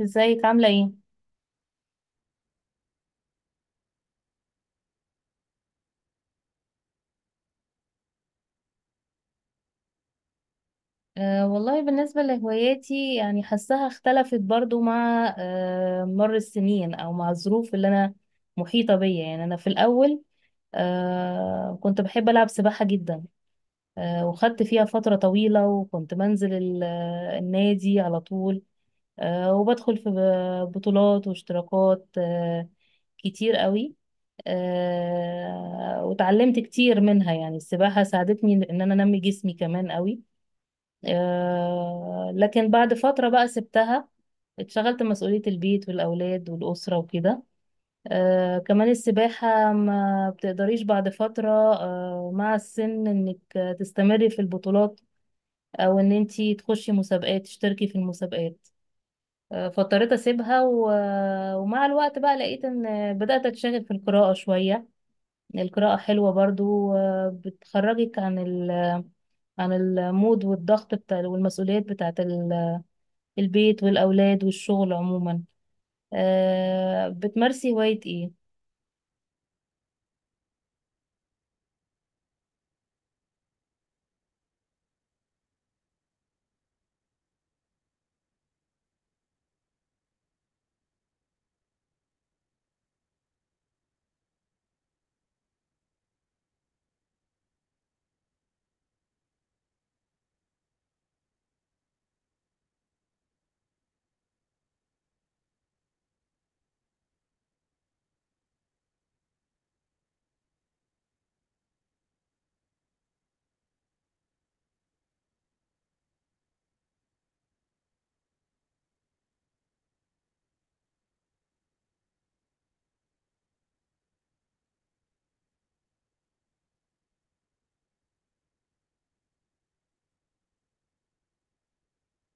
ازيك عاملة ايه؟ والله بالنسبة لهواياتي يعني حاساها اختلفت برضو مع مر السنين او مع الظروف اللي انا محيطة بيا يعني انا في الاول كنت بحب العب سباحة جدا. وخدت فيها فترة طويلة وكنت بنزل النادي على طول. وبدخل في بطولات واشتراكات كتير قوي. وتعلمت كتير منها، يعني السباحة ساعدتني ان انا انمي جسمي كمان قوي. لكن بعد فترة بقى سبتها، اتشغلت مسؤولية البيت والأولاد والأسرة وكده. كمان السباحة ما بتقدريش بعد فترة مع السن إنك تستمري في البطولات، أو إن أنتي تخشي مسابقات تشتركي في المسابقات. فاضطريت أسيبها، و... ومع الوقت بقى لقيت إن بدأت أتشغل في القراءة شوية. القراءة حلوة برضو، بتخرجك عن ال... عن المود والضغط بتاع والمسؤوليات بتاعة البيت والأولاد والشغل عموما. بتمارسي هواية ايه؟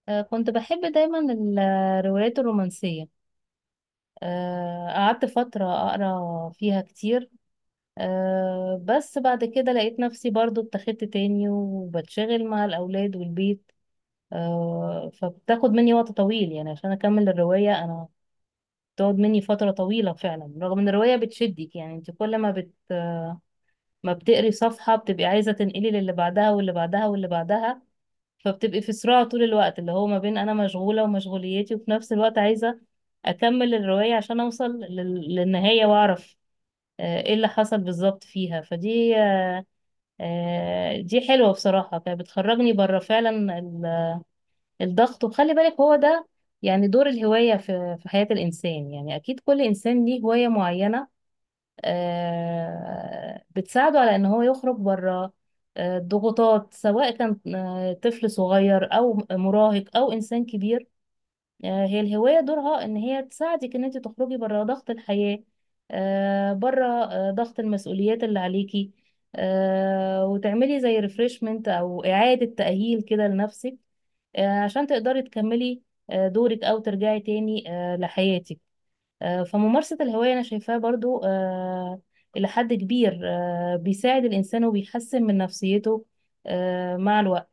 كنت بحب دايما الروايات الرومانسية، قعدت فترة أقرأ فيها كتير. بس بعد كده لقيت نفسي برضو اتخذت تاني وبتشغل مع الأولاد والبيت. فبتاخد مني وقت طويل يعني عشان أكمل الرواية. أنا بتقعد مني فترة طويلة فعلا، رغم ان الرواية بتشدك يعني انت كل ما ما بتقري صفحة بتبقي عايزة تنقلي للي بعدها واللي بعدها واللي بعدها. فبتبقي في صراع طول الوقت، اللي هو ما بين انا مشغولة ومشغوليتي، وفي نفس الوقت عايزة اكمل الرواية عشان اوصل للنهاية واعرف ايه اللي حصل بالظبط فيها. فدي دي حلوة بصراحة، كانت بتخرجني بره فعلا الضغط. وخلي بالك هو ده يعني دور الهواية في حياة الإنسان، يعني أكيد كل إنسان ليه هواية معينة بتساعده على ان هو يخرج بره الضغوطات، سواء كان طفل صغير او مراهق او انسان كبير. هي الهواية دورها ان هي تساعدك ان انت تخرجي بره ضغط الحياة، بره ضغط المسؤوليات اللي عليكي، وتعملي زي ريفرشمنت او اعادة تأهيل كده لنفسك، عشان تقدري تكملي دورك، او ترجعي تاني لحياتك. فممارسة الهواية أنا شايفاها برضو إلى حد كبير بيساعد الإنسان وبيحسن من نفسيته مع الوقت.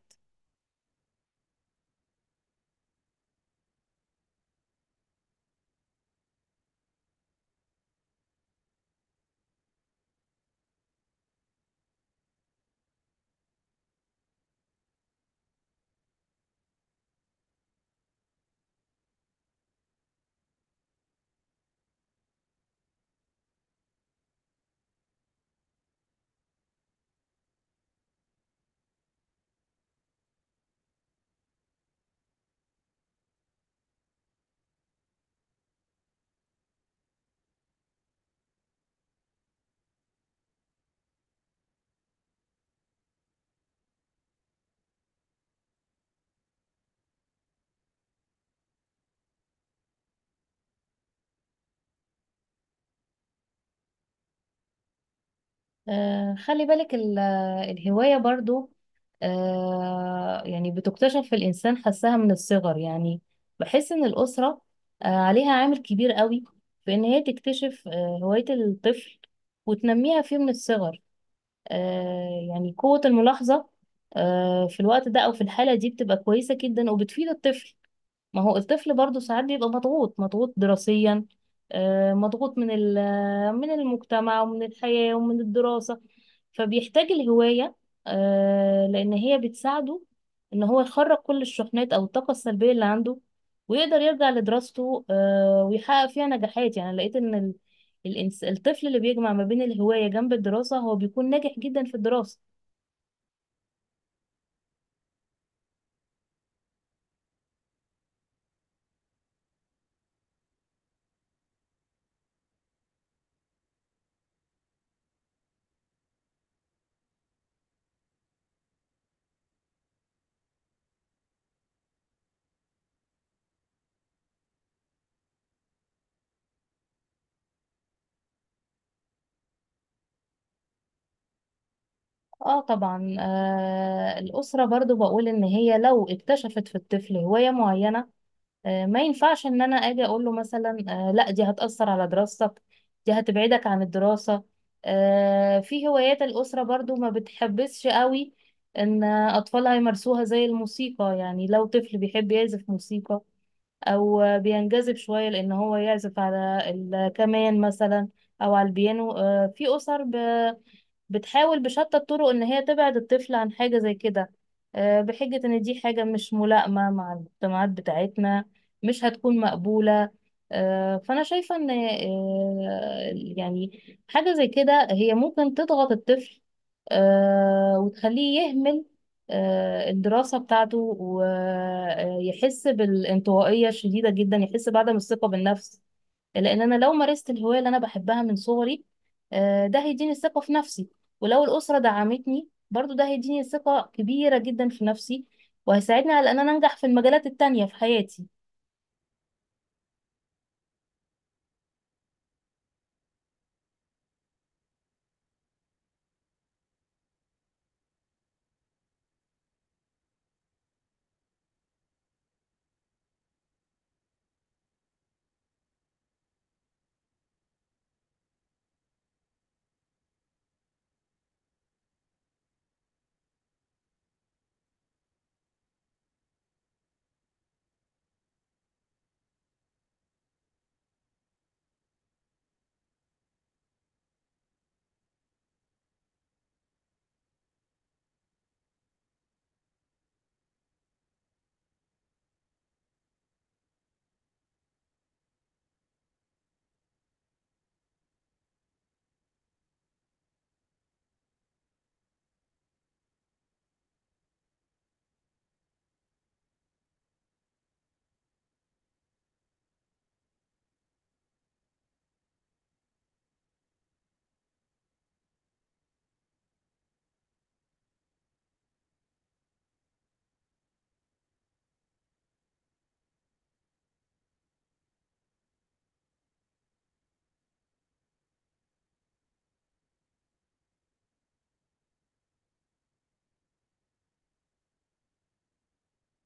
خلي بالك الهواية برضو يعني بتكتشف في الإنسان، حسها من الصغر يعني. بحس إن الأسرة عليها عامل كبير قوي في إن هي تكتشف هواية الطفل وتنميها فيه من الصغر. يعني قوة الملاحظة في الوقت ده أو في الحالة دي بتبقى كويسة جدا وبتفيد الطفل. ما هو الطفل برضه ساعات بيبقى مضغوط، مضغوط دراسيا مضغوط من المجتمع ومن الحياة ومن الدراسة، فبيحتاج الهواية لأن هي بتساعده إن هو يخرج كل الشحنات أو الطاقة السلبية اللي عنده، ويقدر يرجع لدراسته ويحقق فيها نجاحات. يعني لقيت إن الطفل اللي بيجمع ما بين الهواية جنب الدراسة هو بيكون ناجح جدا في الدراسة. اه طبعا، الأسرة برضو بقول إن هي لو اكتشفت في الطفل هواية معينة ما ينفعش إن أنا أجي أقول له مثلا لا دي هتأثر على دراستك، دي هتبعدك عن الدراسة. في هوايات الأسرة برضو ما بتحبسش قوي إن أطفالها يمارسوها، زي الموسيقى. يعني لو طفل بيحب يعزف موسيقى أو بينجذب شوية لأن هو يعزف على الكمان مثلا أو على البيانو، في أسر بتحاول بشتى الطرق ان هي تبعد الطفل عن حاجة زي كده بحجة ان دي حاجة مش ملائمة مع المجتمعات بتاعتنا، مش هتكون مقبولة. فانا شايفة ان يعني حاجة زي كده هي ممكن تضغط الطفل وتخليه يهمل الدراسة بتاعته، ويحس بالانطوائية الشديدة جدا، يحس بعدم الثقة بالنفس. لان انا لو مارست الهوايه اللي انا بحبها من صغري ده هيديني الثقه في نفسي، ولو الاسره دعمتني برضو ده هيديني ثقه كبيره جدا في نفسي، وهيساعدني على ان انا انجح في المجالات التانية في حياتي.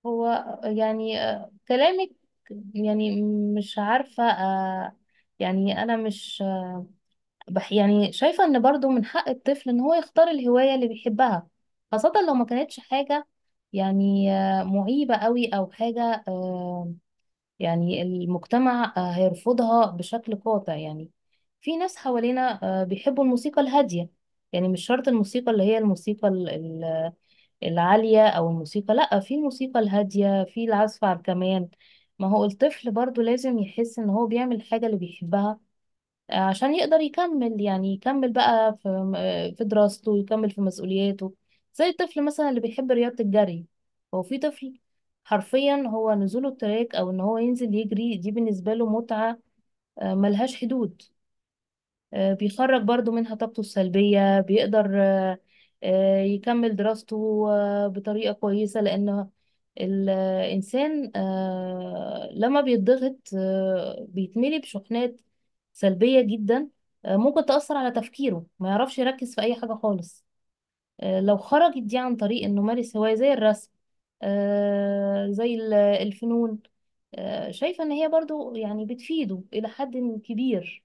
هو يعني كلامك يعني، مش عارفه يعني انا مش آه، بح يعني شايفه ان برضو من حق الطفل ان هو يختار الهوايه اللي بيحبها، خاصه لو ما كانتش حاجه يعني معيبه قوي، او حاجه يعني المجتمع هيرفضها بشكل قاطع. يعني في ناس حوالينا بيحبوا الموسيقى الهادية. يعني مش شرط الموسيقى اللي هي العالية، أو الموسيقى لأ، في الموسيقى الهادية، في العزف على الكمان. ما هو الطفل برضو لازم يحس إن هو بيعمل حاجة اللي بيحبها عشان يقدر يكمل، يعني يكمل بقى في دراسته ويكمل في مسؤولياته. زي الطفل مثلا اللي بيحب رياضة الجري، هو في طفل حرفيا هو نزوله التراك او ان هو ينزل يجري دي بالنسبة له متعة ملهاش حدود. بيخرج برضو منها طاقته السلبية، بيقدر يكمل دراسته بطريقة كويسة، لأن الإنسان لما بيتضغط بيتملي بشحنات سلبية جدا ممكن تأثر على تفكيره، ما يعرفش يركز في أي حاجة خالص. لو خرجت دي عن طريق إنه مارس هواية زي الرسم زي الفنون، شايفة إن هي برضو يعني بتفيده إلى حد كبير.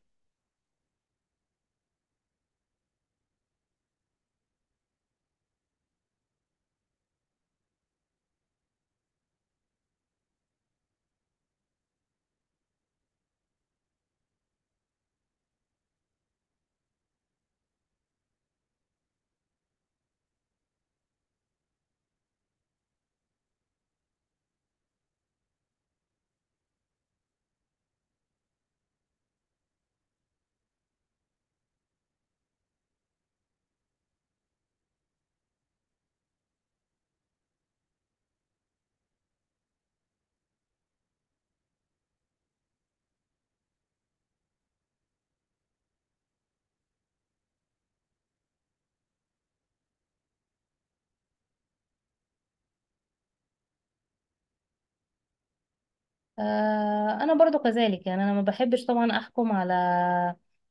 انا برضو كذلك، يعني انا ما بحبش طبعا احكم على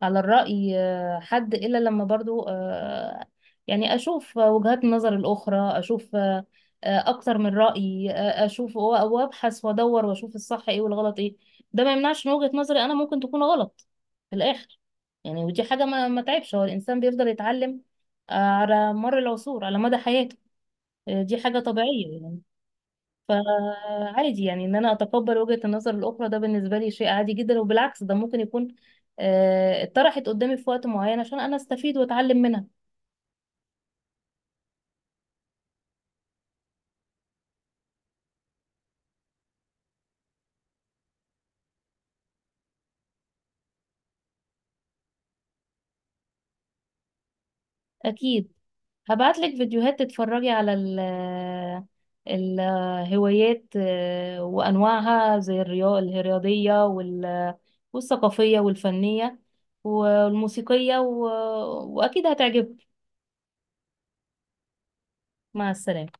الرأي حد الا لما برضو يعني اشوف وجهات النظر الاخرى، اشوف اكتر من رأي، اشوف وابحث وادور واشوف الصح ايه والغلط ايه. ده ما يمنعش ان وجهة نظري انا ممكن تكون غلط في الاخر، يعني ودي حاجة ما تعبش. هو الانسان بيفضل يتعلم على مر العصور، على مدى حياته، دي حاجة طبيعية. فعادي يعني ان انا اتقبل وجهة النظر الاخرى، ده بالنسبة لي شيء عادي جدا، وبالعكس ده ممكن يكون اتطرحت قدامي في وقت معين عشان انا استفيد واتعلم منها. اكيد هبعت لك فيديوهات تتفرجي على الهوايات وانواعها، زي الرياضة الرياضية والثقافية والفنية والموسيقية، و... واكيد هتعجبك. مع السلامة.